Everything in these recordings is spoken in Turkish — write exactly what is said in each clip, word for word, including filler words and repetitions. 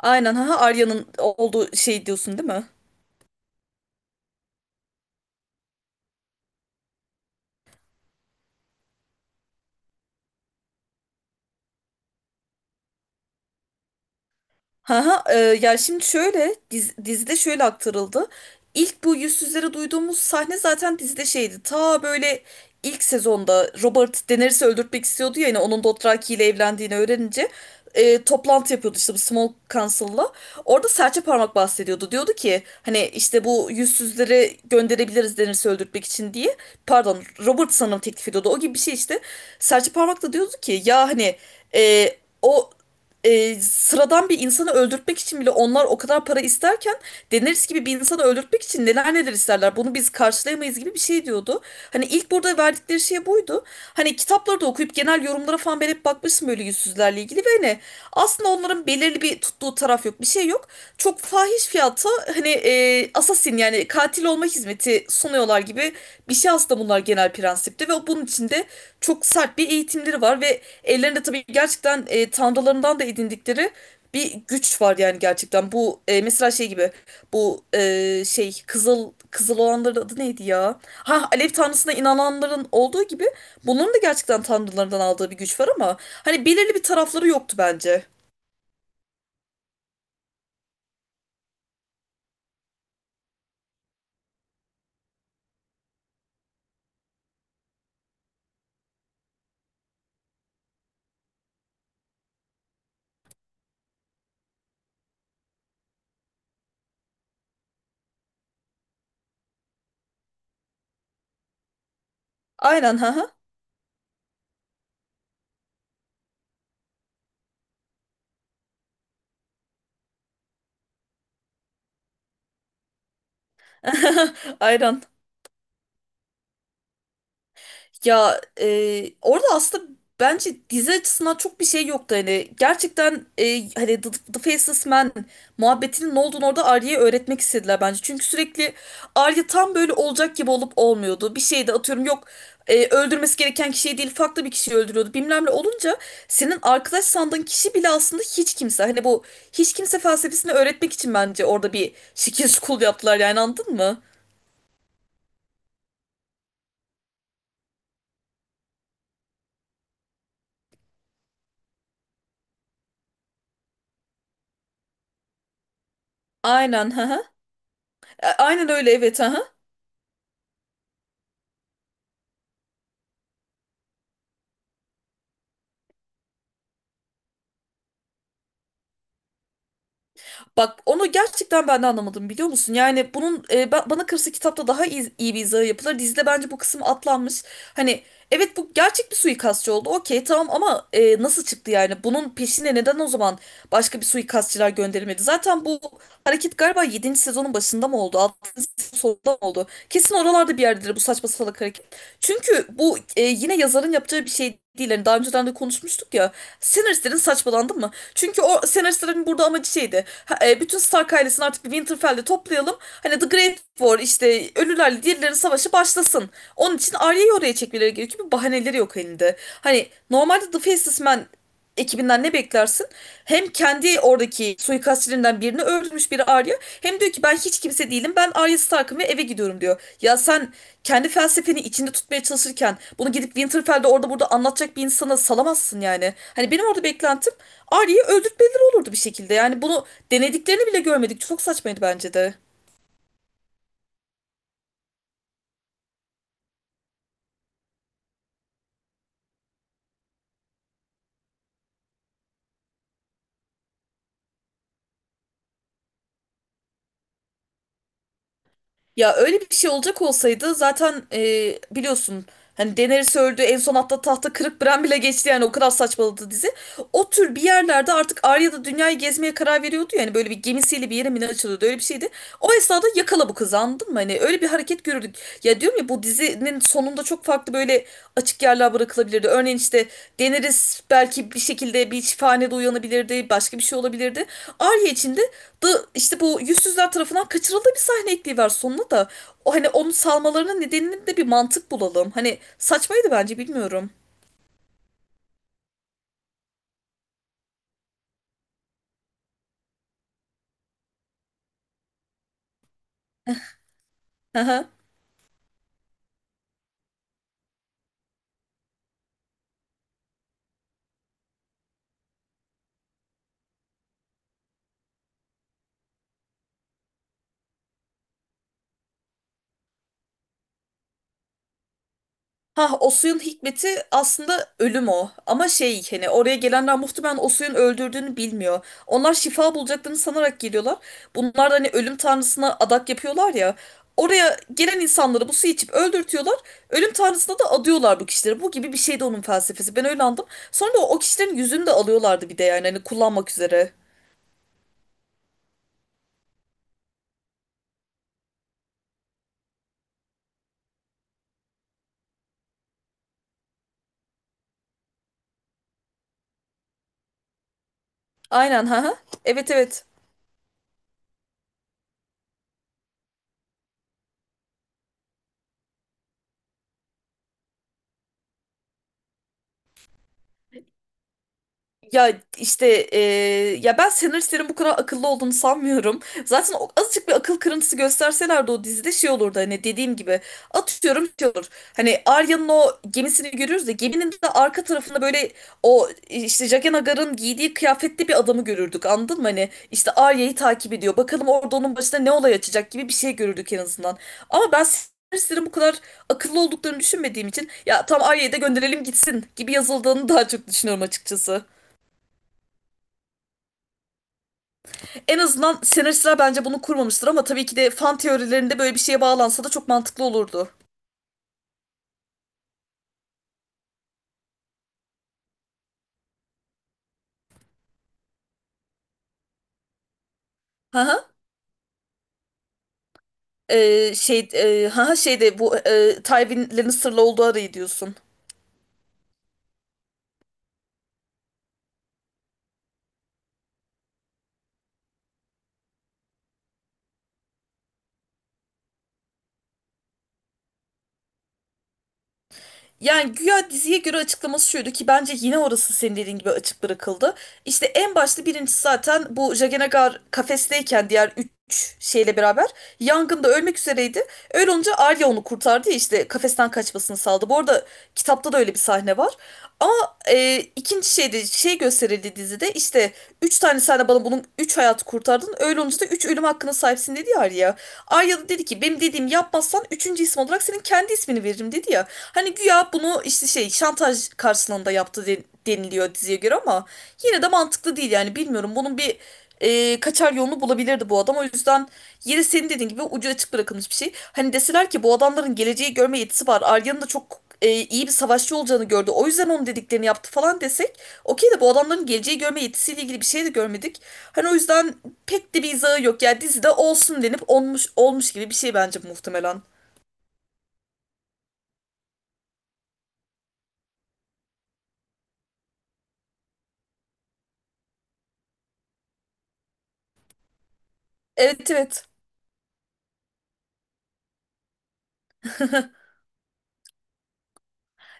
Aynen ha, Arya'nın olduğu şey diyorsun değil mi? Ha ha, e, ya şimdi şöyle diz, dizide şöyle aktarıldı. İlk bu yüzsüzleri duyduğumuz sahne zaten dizide şeydi. Ta böyle ilk sezonda Robert Daenerys'i öldürtmek istiyordu ya, yani onun Dothraki ile evlendiğini öğrenince e, toplantı yapıyordu işte bu Small Council'la. Orada serçe parmak bahsediyordu. Diyordu ki hani işte bu yüzsüzleri gönderebiliriz Daenerys'i öldürtmek için diye. Pardon, Robert sanırım teklif ediyordu. O gibi bir şey işte. Serçe parmak da diyordu ki ya hani e, o e, sıradan bir insanı öldürtmek için bile onlar o kadar para isterken Daenerys gibi bir insanı öldürtmek için neler neler isterler. Bunu biz karşılayamayız gibi bir şey diyordu. Hani ilk burada verdikleri şey buydu. Hani kitapları da okuyup genel yorumlara falan ben hep bakmıştım böyle yüzsüzlerle ilgili ve hani aslında onların belirli bir tuttuğu taraf yok. Bir şey yok. Çok fahiş fiyata hani e, assassin, yani katil olma hizmeti sunuyorlar gibi bir şey aslında bunlar genel prensipte, ve bunun içinde çok sert bir eğitimleri var ve ellerinde tabii gerçekten e, tanrılarından da edindikleri bir güç var yani gerçekten. Bu e, mesela şey gibi, bu e, şey kızıl kızıl olanların adı neydi ya? Ha, Alev tanrısına inananların olduğu gibi bunların da gerçekten tanrılarından aldığı bir güç var ama hani belirli bir tarafları yoktu bence. Aynen ha, ha. Aynen. Ya e, orada aslında bence dizi açısından çok bir şey yoktu hani gerçekten e, hani The, The Faceless Man muhabbetinin ne olduğunu orada Arya'ya öğretmek istediler bence. Çünkü sürekli Arya tam böyle olacak gibi olup olmuyordu. Bir şeyde atıyorum yok e, öldürmesi gereken kişiyi değil farklı bir kişiyi öldürüyordu bilmem ne olunca senin arkadaş sandığın kişi bile aslında hiç kimse. Hani bu hiç kimse felsefesini öğretmek için bence orada bir şekil school yaptılar yani, anladın mı? Aynen ha. Aynen öyle, evet ha. Bak, onu gerçekten ben de anlamadım biliyor musun? Yani bunun e, ba- bana kalırsa kitapta daha iyi, iyi bir izahı yapılır. Dizide bence bu kısım atlanmış. Hani evet, bu gerçek bir suikastçı oldu. Okey, tamam ama e, nasıl çıktı yani? Bunun peşine neden o zaman başka bir suikastçılar gönderilmedi? Zaten bu hareket galiba yedinci sezonun başında mı oldu? Altıncı sezonun sonunda mı oldu? Kesin oralarda bir yerdedir bu saçma salak hareket. Çünkü bu e, yine yazarın yapacağı bir şey değil. Hani daha önceden de konuşmuştuk ya. Senaristlerin saçmalandı mı? Çünkü o senaristlerin burada amacı şeydi. Ha, e, bütün Stark ailesini artık bir Winterfell'de toplayalım. Hani The Great War işte ölülerle diğerlerin savaşı başlasın. Onun için Arya'yı oraya çekmeleri gerekiyor. Bir bahaneleri yok elinde. Hani normalde The Faceless Man ekibinden ne beklersin? Hem kendi oradaki suikastçilerinden birini öldürmüş biri Arya. Hem diyor ki ben hiç kimse değilim. Ben Arya Stark'ım ve eve gidiyorum diyor. Ya sen kendi felsefeni içinde tutmaya çalışırken bunu gidip Winterfell'de orada burada anlatacak bir insana salamazsın yani. Hani benim orada beklentim Arya'yı öldürtmeleri olurdu bir şekilde. Yani bunu denediklerini bile görmedik. Çok saçmaydı bence de. Ya öyle bir şey olacak olsaydı zaten e, biliyorsun hani Daenerys öldü en son, hatta tahta kırık Bran bile geçti yani, o kadar saçmaladı dizi. O tür bir yerlerde artık Arya da dünyayı gezmeye karar veriyordu yani, böyle bir gemisiyle bir yere mi ne açılıyordu, öyle bir şeydi. O esnada yakala bu kızı, anladın mı? Hani öyle bir hareket görürdük. Ya diyorum ya, bu dizinin sonunda çok farklı böyle açık yerler bırakılabilirdi. Örneğin işte Daenerys belki bir şekilde bir şifanede uyanabilirdi, başka bir şey olabilirdi. Arya için de da işte bu yüzsüzler tarafından kaçırıldığı bir sahne ekliyorlar sonuna da. O hani onun salmalarının nedenini de bir mantık bulalım. Hani saçmaydı bence, bilmiyorum. Ha, o suyun hikmeti aslında ölüm o. Ama şey, hani oraya gelenler muhtemelen o suyun öldürdüğünü bilmiyor. Onlar şifa bulacaklarını sanarak geliyorlar. Bunlar da hani ölüm tanrısına adak yapıyorlar ya. Oraya gelen insanları bu suyu içip öldürtüyorlar. Ölüm tanrısına da adıyorlar bu kişileri. Bu gibi bir şey de onun felsefesi. Ben öyle anladım. Sonra da o kişilerin yüzünü de alıyorlardı bir de yani, hani kullanmak üzere. Aynen ha. Ha. Evet, evet. Ya işte e, ya ben senaristlerin bu kadar akıllı olduğunu sanmıyorum. Zaten o, azıcık bir akıl kırıntısı gösterselerdi o dizide şey olurdu hani, dediğim gibi. Atıyorum şey olur. Hani Arya'nın o gemisini görürüz de geminin de arka tarafında böyle o işte Jaqen H'ghar'ın giydiği kıyafetli bir adamı görürdük, anladın mı? Hani işte Arya'yı takip ediyor. Bakalım orada onun başına ne olay açacak gibi bir şey görürdük en azından. Ama ben senaristlerin bu kadar akıllı olduklarını düşünmediğim için ya tam Arya'yı da gönderelim gitsin gibi yazıldığını daha çok düşünüyorum açıkçası. En azından senaristler bence bunu kurmamıştır ama tabii ki de fan teorilerinde böyle bir şeye bağlansa da çok mantıklı olurdu. Hı hı. Ee, şey, e, hı hı, şeyde bu e, Tywin'lerin sırlı olduğu arayı diyorsun. Yani güya diziye göre açıklaması şuydu ki bence yine orası senin dediğin gibi açık bırakıldı. İşte en başta birincisi zaten bu Jaganagar kafesteyken diğer üç şeyle beraber yangında ölmek üzereydi. Öyle olunca Arya onu kurtardı ya, işte kafesten kaçmasını sağladı. Bu arada kitapta da öyle bir sahne var. Ama e, ikinci şeyde şey gösterildi dizide, işte üç tane sen de bana bunun üç hayatı kurtardın. Öyle olunca da üç ölüm hakkına sahipsin dedi ya Arya. Arya da dedi ki benim dediğimi yapmazsan üçüncü isim olarak senin kendi ismini veririm dedi ya. Hani güya bunu işte şey şantaj karşılığında yaptı de- deniliyor diziye göre ama yine de mantıklı değil yani, bilmiyorum. Bunun bir e, kaçar yolunu bulabilirdi bu adam. O yüzden yine senin dediğin gibi ucu açık bırakılmış bir şey. Hani deseler ki bu adamların geleceği görme yetisi var. Arya'nın da çok e, iyi bir savaşçı olacağını gördü. O yüzden onun dediklerini yaptı falan desek okey, de bu adamların geleceği görme yetisiyle ilgili bir şey de görmedik. Hani o yüzden pek de bir izahı yok. Ya dizide olsun denip olmuş olmuş gibi bir şey bence muhtemelen. Evet, evet.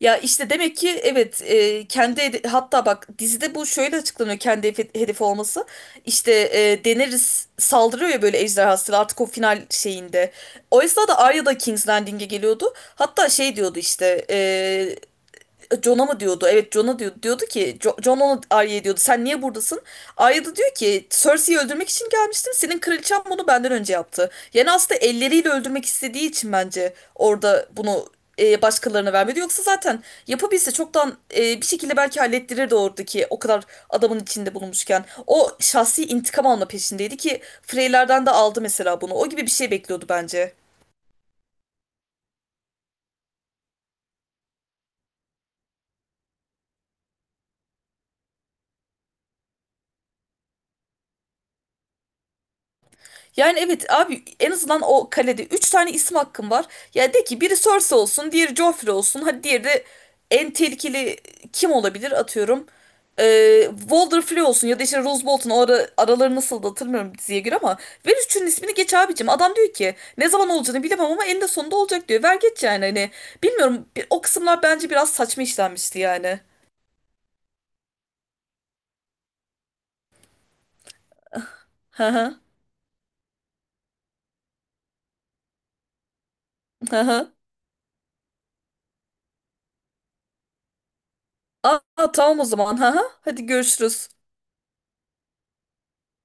Ya işte demek ki evet, e, kendi hede- hatta bak dizide bu şöyle açıklanıyor, kendi hefe- hedefi olması. İşte e, Daenerys saldırıyor ya böyle ejderhasıyla artık o final şeyinde. O esnada Arya da King's Landing'e geliyordu. Hatta şey diyordu işte e, John'a mı diyordu? Evet, John'a diyordu. Diyordu ki Jo- John ona, Arya'ya diyordu. Sen niye buradasın? Arya da diyor ki Cersei'yi öldürmek için gelmiştim. Senin kraliçen bunu benden önce yaptı. Yani aslında elleriyle öldürmek istediği için bence orada bunu e, başkalarına vermedi. Yoksa zaten yapabilse çoktan e, bir şekilde belki hallettirirdi oradaki o kadar adamın içinde bulunmuşken. O şahsi intikam alma peşindeydi ki Freyler'den de aldı mesela bunu. O gibi bir şey bekliyordu bence. Yani evet abi, en azından o kalede üç tane isim hakkım var. Ya de ki biri Cersei olsun, diğeri Joffrey olsun. Hadi diğeri de en tehlikeli kim olabilir atıyorum. Ee, Walder olsun ya da işte Rose Bolton o ara, araları nasıl da hatırlamıyorum diziye göre ama ver üçünün ismini geç abicim. Adam diyor ki ne zaman olacağını bilemem ama eninde sonunda olacak diyor. Ver geç yani, hani. Bilmiyorum, bir- o kısımlar bence biraz saçma işlenmişti yani. Hı hı. Hı hı. Aa tamam o zaman. Hı hı. Hadi görüşürüz.